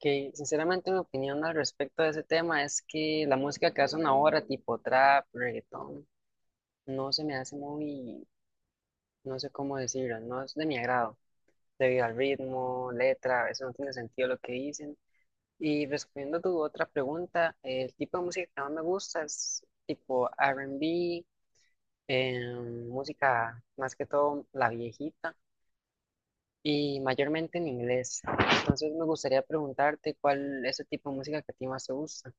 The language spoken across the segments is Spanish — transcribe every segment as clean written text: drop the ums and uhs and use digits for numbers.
Que sinceramente mi opinión al respecto de ese tema es que la música que hacen ahora, tipo trap, reggaetón, no se me hace muy, no sé cómo decirlo, no es de mi agrado, debido al ritmo, letra, a veces no tiene sentido lo que dicen. Y respondiendo a tu otra pregunta, el tipo de música que más me gusta es tipo R&B, música más que todo la viejita y mayormente en inglés. Entonces me gustaría preguntarte cuál es el tipo de música que a ti más te gusta.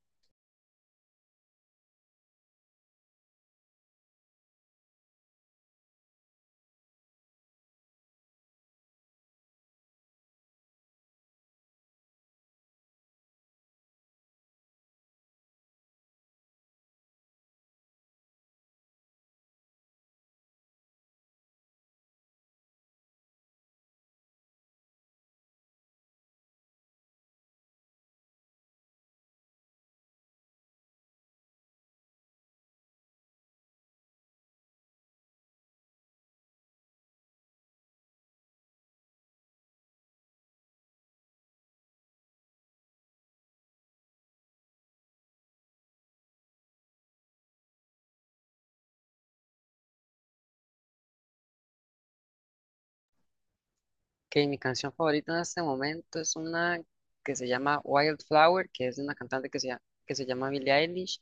Que mi canción favorita en este momento es una que se llama Wildflower, que es de una cantante que que se llama Billie Eilish.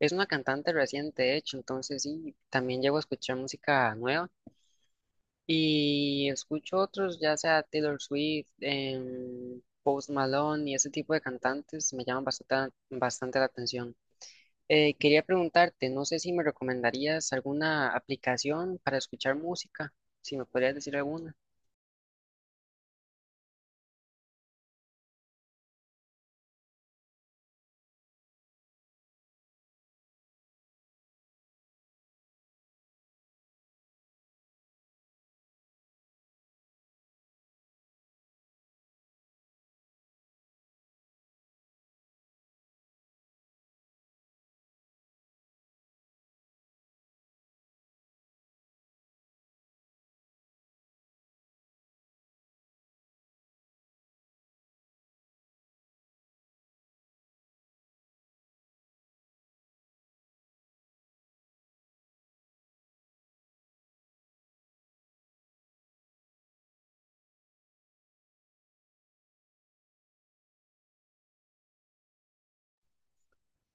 Es una cantante reciente, de hecho, entonces sí, también llego a escuchar música nueva y escucho otros, ya sea Taylor Swift, Post Malone y ese tipo de cantantes me llaman bastante, bastante la atención. Quería preguntarte, no sé si me recomendarías alguna aplicación para escuchar música, si me podrías decir alguna.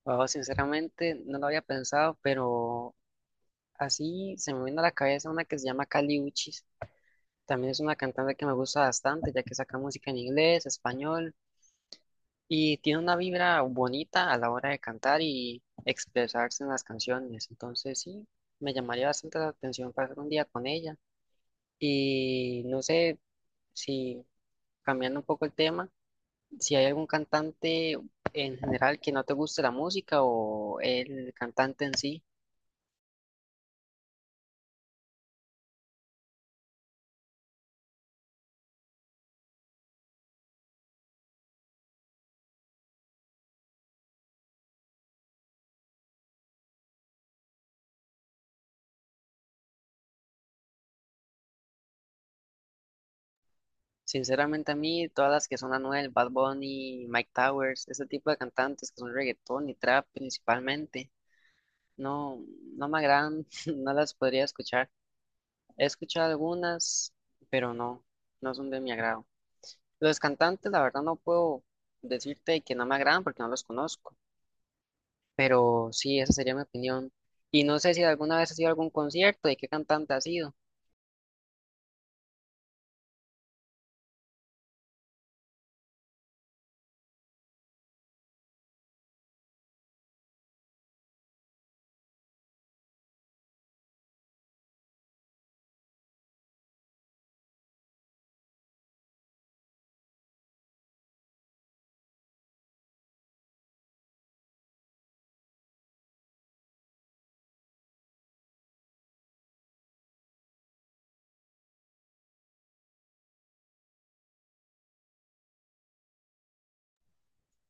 Wow, sinceramente no lo había pensado, pero así se me viene a la cabeza una que se llama Kali Uchis. También es una cantante que me gusta bastante, ya que saca música en inglés, español, y tiene una vibra bonita a la hora de cantar y expresarse en las canciones. Entonces sí, me llamaría bastante la atención pasar un día con ella. Y no sé si, cambiando un poco el tema, si hay algún cantante en general que no te guste la música o el cantante en sí. Sinceramente a mí, todas las que son Anuel, Bad Bunny, Mike Towers, ese tipo de cantantes que son reggaetón y trap principalmente, no, no me agradan, no las podría escuchar. He escuchado algunas, pero no, no son de mi agrado. Los cantantes, la verdad, no puedo decirte que no me agradan porque no los conozco, pero sí, esa sería mi opinión. Y no sé si alguna vez has ido a algún concierto y qué cantante has sido.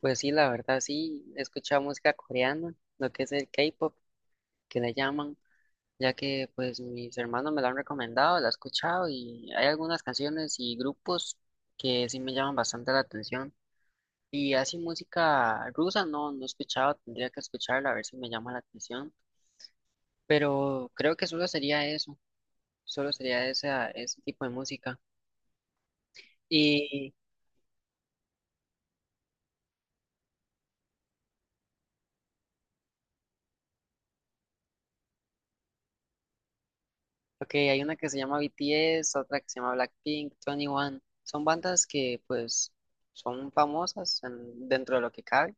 Pues sí, la verdad, sí, he escuchado música coreana, lo que es el K-pop, que le llaman. Ya que pues mis hermanos me la han recomendado, la he escuchado y hay algunas canciones y grupos que sí me llaman bastante la atención. Y así música rusa no, no he escuchado, tendría que escucharla a ver si me llama la atención, pero creo que solo sería eso, solo sería esa, ese tipo de música. Y, ok, hay una que se llama BTS, otra que se llama Blackpink, Twenty One son bandas que pues son famosas dentro de lo que cabe.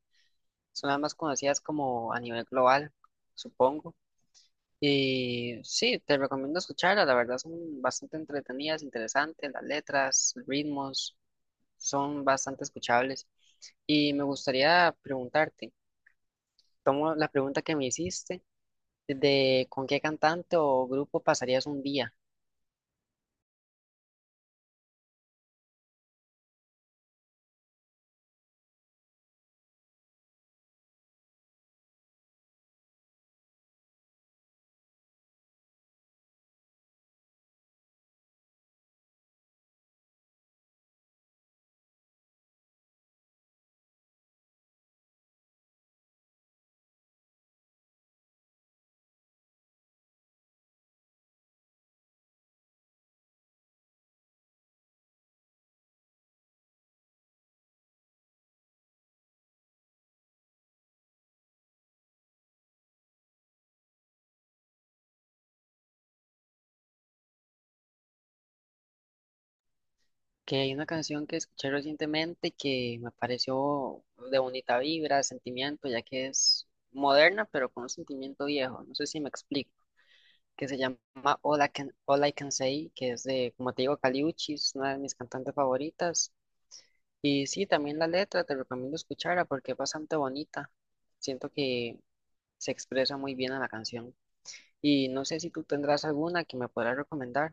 Son las más conocidas como a nivel global, supongo. Y sí, te recomiendo escucharlas, la verdad son bastante entretenidas, interesantes, las letras, ritmos, son bastante escuchables. Y me gustaría preguntarte, tomo la pregunta que me hiciste de con qué cantante o grupo pasarías un día. Que hay una canción que escuché recientemente que me pareció de bonita vibra, sentimiento, ya que es moderna, pero con un sentimiento viejo, no sé si me explico. Que se llama All I Can, All I Can Say, que es de, como te digo, Kali Uchi, es una de mis cantantes favoritas. Y sí, también la letra te recomiendo escucharla porque es bastante bonita. Siento que se expresa muy bien en la canción. Y no sé si tú tendrás alguna que me podrás recomendar.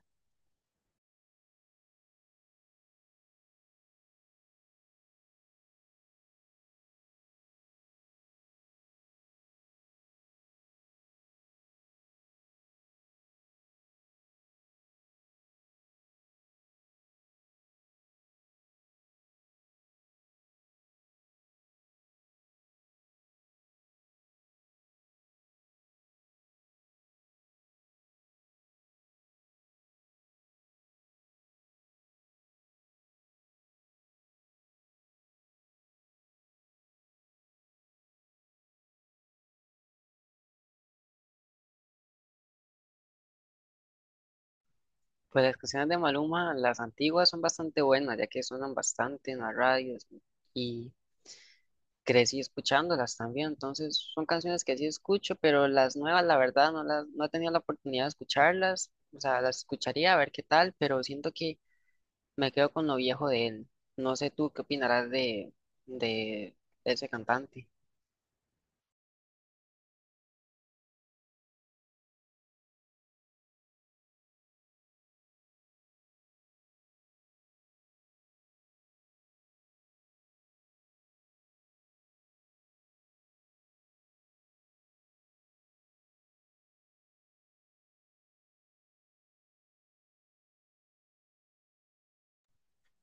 Pues las canciones de Maluma, las antiguas son bastante buenas, ya que suenan bastante en las radios y crecí escuchándolas también, entonces son canciones que sí escucho, pero las nuevas, la verdad, no he tenido la oportunidad de escucharlas, o sea, las escucharía a ver qué tal, pero siento que me quedo con lo viejo de él. No sé tú qué opinarás de ese cantante.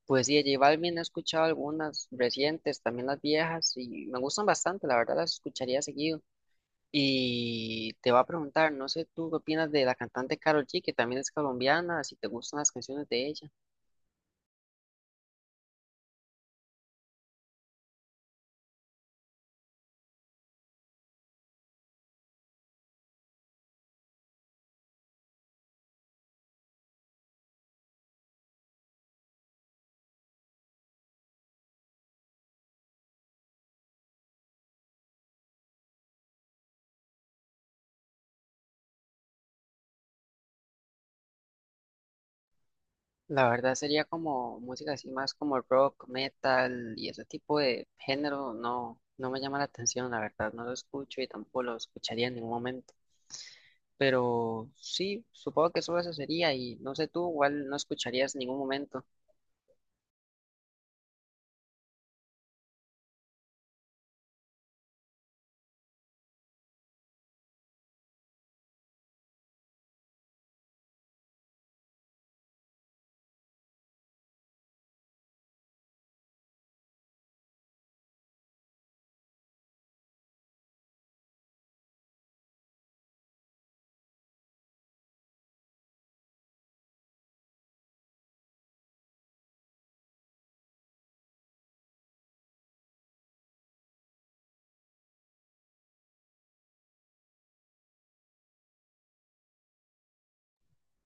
Pues sí, de J Balvin he escuchado algunas recientes, también las viejas, y me gustan bastante, la verdad las escucharía seguido. Y te va a preguntar, no sé tú qué opinas de la cantante Karol G, que también es colombiana, si te gustan las canciones de ella. La verdad sería como música así más como rock, metal y ese tipo de género no, no me llama la atención, la verdad, no lo escucho y tampoco lo escucharía en ningún momento. Pero sí, supongo que solo eso sería y no sé tú, igual no escucharías en ningún momento.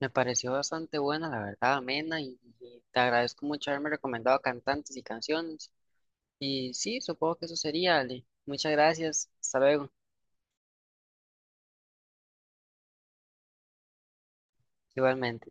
Me pareció bastante buena, la verdad, amena y te agradezco mucho haberme recomendado cantantes y canciones. Y sí, supongo que eso sería, Ale. Muchas gracias, hasta luego, igualmente.